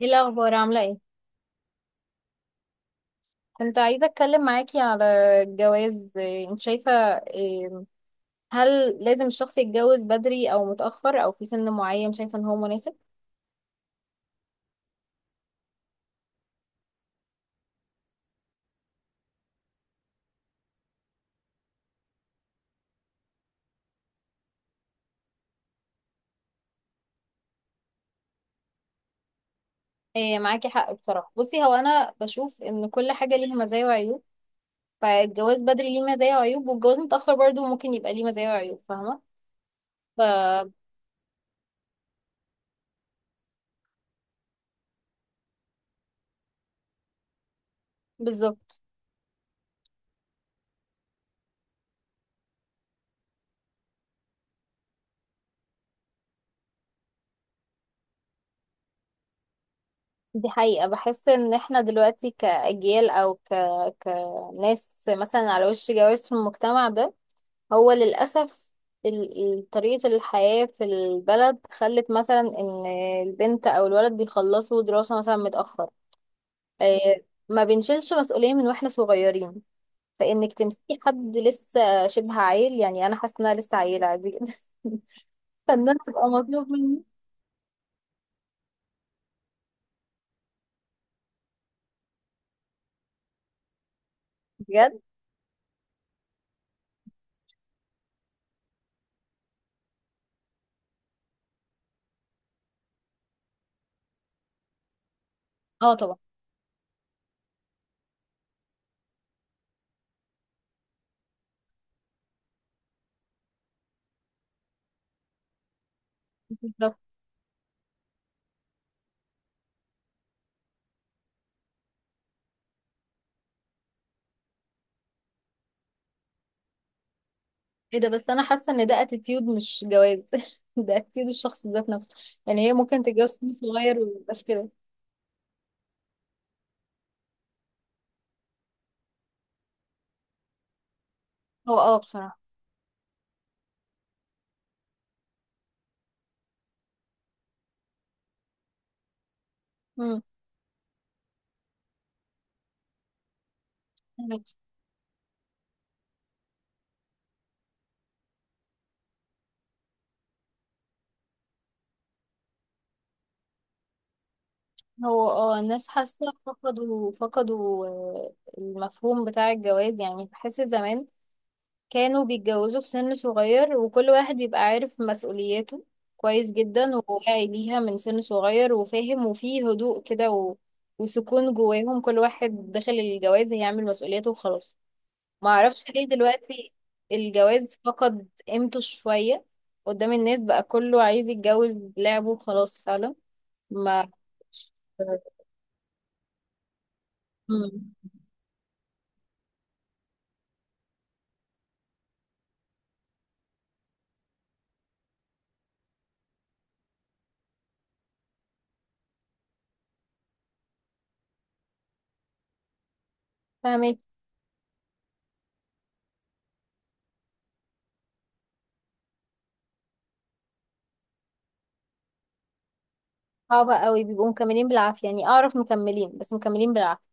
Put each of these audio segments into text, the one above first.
ايه الاخبار عامله ايه؟ كنت عايزه اتكلم معاكي على الجواز. انت شايفه إيه، هل لازم الشخص يتجوز بدري او متاخر او في سن معين شايفه ان هو مناسب؟ معاكي حق بصراحه. بصي، هو انا بشوف ان كل حاجه ليها مزايا وعيوب. فالجواز بدري ليه مزايا وعيوب، والجواز متاخر برضو ممكن يبقى ليه مزايا وعيوب، فاهمه؟ ف بالظبط. دي حقيقه، بحس ان احنا دلوقتي كاجيال او كناس مثلا على وش جواز في المجتمع ده. هو للأسف طريقة الحياة في البلد خلت مثلا إن البنت أو الولد بيخلصوا دراسة مثلا متأخر. آه، ما بنشيلش مسؤولية من واحنا صغيرين. فإنك تمسكي حد لسه شبه عيل، يعني أنا حاسة إن أنا لسه عيلة عادي جدا فإن أنا أبقى مطلوب مني. بجد. اه، طبعا. بالظبط. ايه ده، بس أنا حاسة إن ده اتيتيود مش جواز. ده اتيتيود الشخص ذات نفسه، يعني هي ممكن تتجوز سن صغير وميبقاش كده. هو بصراحة. مم. هو الناس حاسة فقدوا المفهوم بتاع الجواز. يعني بحس زمان كانوا بيتجوزوا في سن صغير، وكل واحد بيبقى عارف مسؤولياته كويس جدا، وواعي ليها من سن صغير، وفاهم، وفيه هدوء كده وسكون جواهم. كل واحد داخل الجواز هيعمل مسؤولياته وخلاص. ما اعرفش ليه دلوقتي الجواز فقد قيمته شوية قدام الناس. بقى كله عايز يتجوز لعبه وخلاص فعلا. ما مم. فاهمك. صعبة قوي، بيبقوا مكملين بالعافية. يعني أعرف مكملين، بس مكملين بالعافية.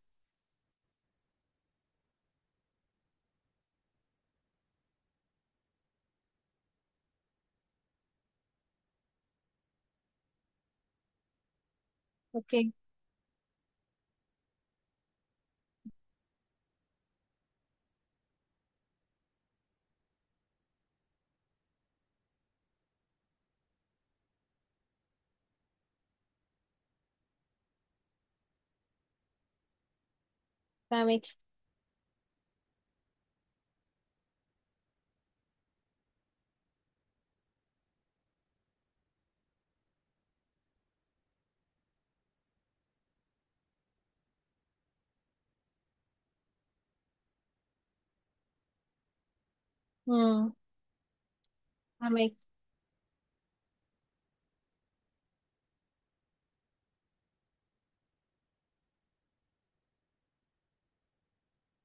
أوكي. فاهمك. امم. فاهمك.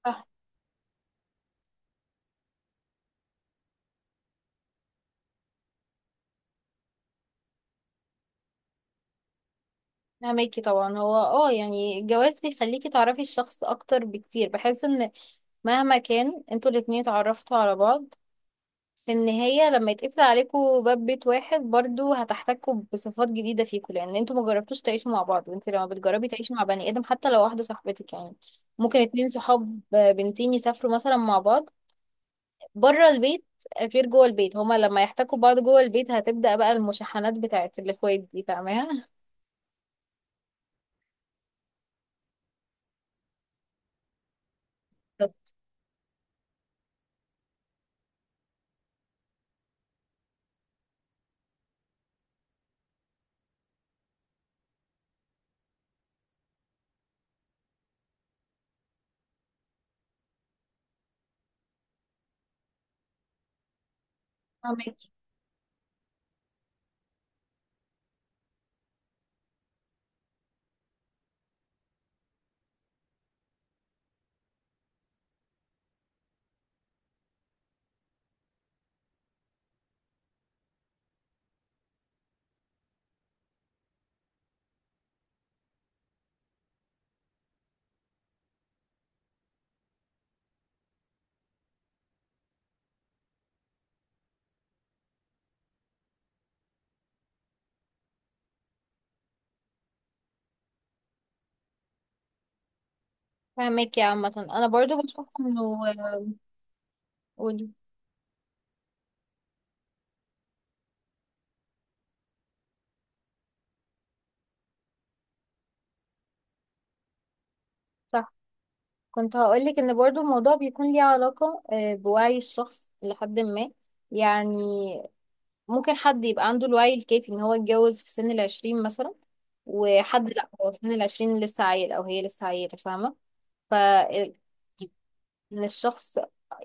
صح. فاهمك طبعا. هو يعني الجواز بيخليكي تعرفي الشخص أكتر بكتير. بحس إن مهما كان انتوا الاتنين اتعرفتوا على بعض، في النهاية لما يتقفل عليكوا باب بيت واحد برضو هتحتكوا بصفات جديدة فيكوا، لأن انتوا مجربتوش تعيشوا مع بعض. وانت لما بتجربي تعيشي مع بني آدم، حتى لو واحدة صاحبتك يعني، ممكن اتنين صحاب بنتين يسافروا مثلا مع بعض بره البيت، غير جوه البيت. هما لما يحتكوا بعض جوه البيت، هتبدأ بقى المشاحنات بتاعت الاخوات دي، فاهمها؟ طب. فاهمك. فاهمك يا عامة، انا برضو بشوف انه. قولي. صح. كنت هقولك ان برضو الموضوع بيكون ليه علاقة بوعي الشخص لحد ما، يعني ممكن حد يبقى عنده الوعي الكافي ان هو يتجوز في سن العشرين مثلا، وحد لا، هو في سن العشرين لسه عيل، او هي لسه عيلة، فاهمة؟ ف للشخص،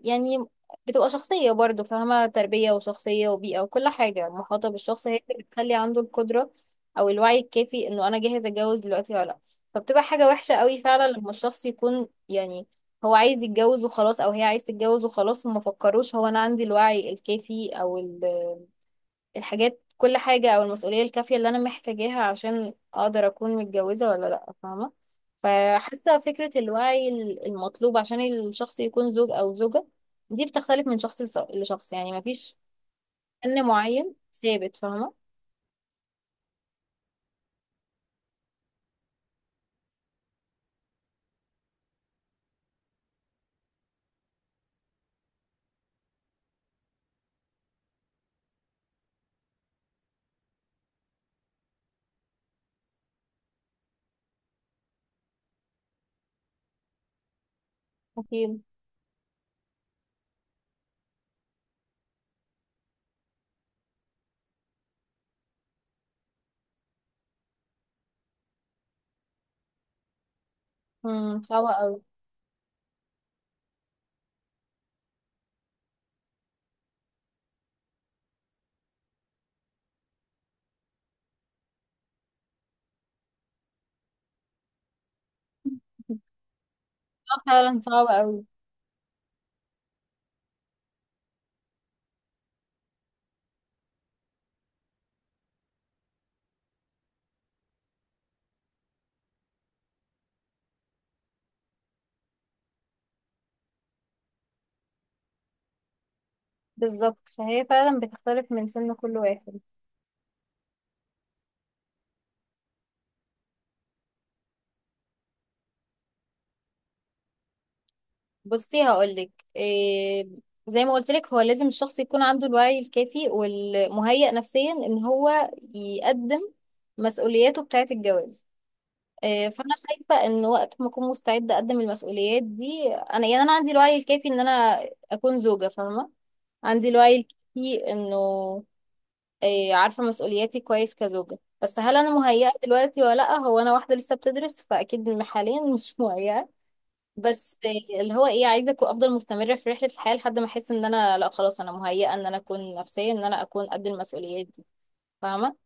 يعني بتبقى شخصية، برضو فاهمة، تربية وشخصية وبيئة وكل حاجة محاطة بالشخص هي اللي بتخلي عنده القدرة أو الوعي الكافي إنه أنا جاهز أتجوز دلوقتي ولا لأ. فبتبقى حاجة وحشة قوي فعلا لما الشخص يكون، يعني، هو عايز يتجوز وخلاص أو هي عايز تتجوز وخلاص، وما فكروش هو أنا عندي الوعي الكافي أو الحاجات، كل حاجة، أو المسؤولية الكافية اللي أنا محتاجاها عشان أقدر أكون متجوزة ولا لأ، فاهمة؟ فحاسة فكرة الوعي المطلوب عشان الشخص يكون زوج أو زوجة دي بتختلف من شخص لشخص، يعني مفيش فن معين ثابت، فاهمة؟ أكيد. مم، صعبة أوي. فعلا صعبة أوي. بالظبط. فهي فعلا بتختلف من سن كل واحد. بصي، هقولك إيه. زي ما قلت لك، هو لازم الشخص يكون عنده الوعي الكافي والمهيأ نفسيا ان هو يقدم مسؤولياته بتاعة الجواز. فانا شايفة ان وقت ما اكون مستعدة اقدم المسؤوليات دي انا، يعني انا عندي الوعي الكافي ان انا اكون زوجة، فاهمة؟ عندي الوعي الكافي انه عارفة مسؤولياتي كويس كزوجة، بس هل انا مهيئة دلوقتي ولا لا؟ هو انا واحدة لسه بتدرس، فاكيد حاليا مش مهيئة. بس اللي هو ايه، عايزه افضل مستمره في رحله الحياه لحد ما احس ان انا لا، خلاص انا مهيئه ان انا اكون نفسيا، ان انا اكون قد المسؤوليات دي، فاهمه؟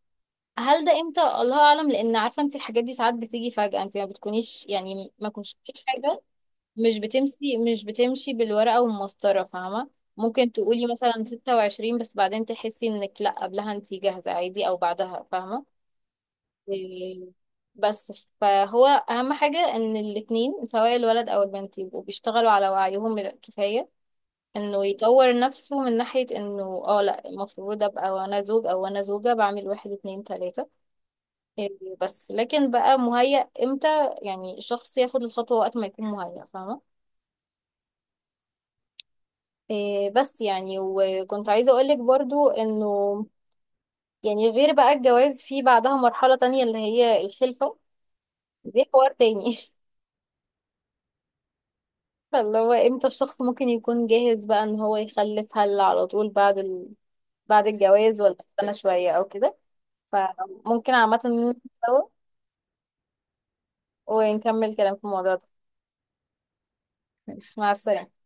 هل ده امتى الله اعلم، لان عارفه انت الحاجات دي ساعات بتيجي فجاه. انت ما بتكونيش يعني ما كنتش في حاجه. مش بتمشي بالورقه والمسطره، فاهمه؟ ممكن تقولي مثلا 26، بس بعدين تحسي انك لا، قبلها انت جاهزه عادي او بعدها، فاهمه؟ إيه، بس فهو اهم حاجة ان الاتنين سواء الولد او البنت يبقوا بيشتغلوا على وعيهم الكفاية، انه يطور نفسه من ناحية انه لا المفروض ابقى وانا زوج او وانا زوجة بعمل واحد اتنين تلاتة. إيه، بس لكن بقى مهيأ امتى؟ يعني الشخص ياخد الخطوة وقت ما يكون مهيأ، فاهمة؟ بس يعني وكنت عايزة اقولك برضو انه، يعني، غير بقى الجواز، في بعدها مرحلة تانية اللي هي الخلفة. دي حوار تاني اللي هو امتى الشخص ممكن يكون جاهز بقى ان هو يخلف؟ هل على طول بعد بعد الجواز، ولا استنى شوية او كده؟ فممكن عامة نتسوق ونكمل كلام في الموضوع ده. ماشي، مع السلامة.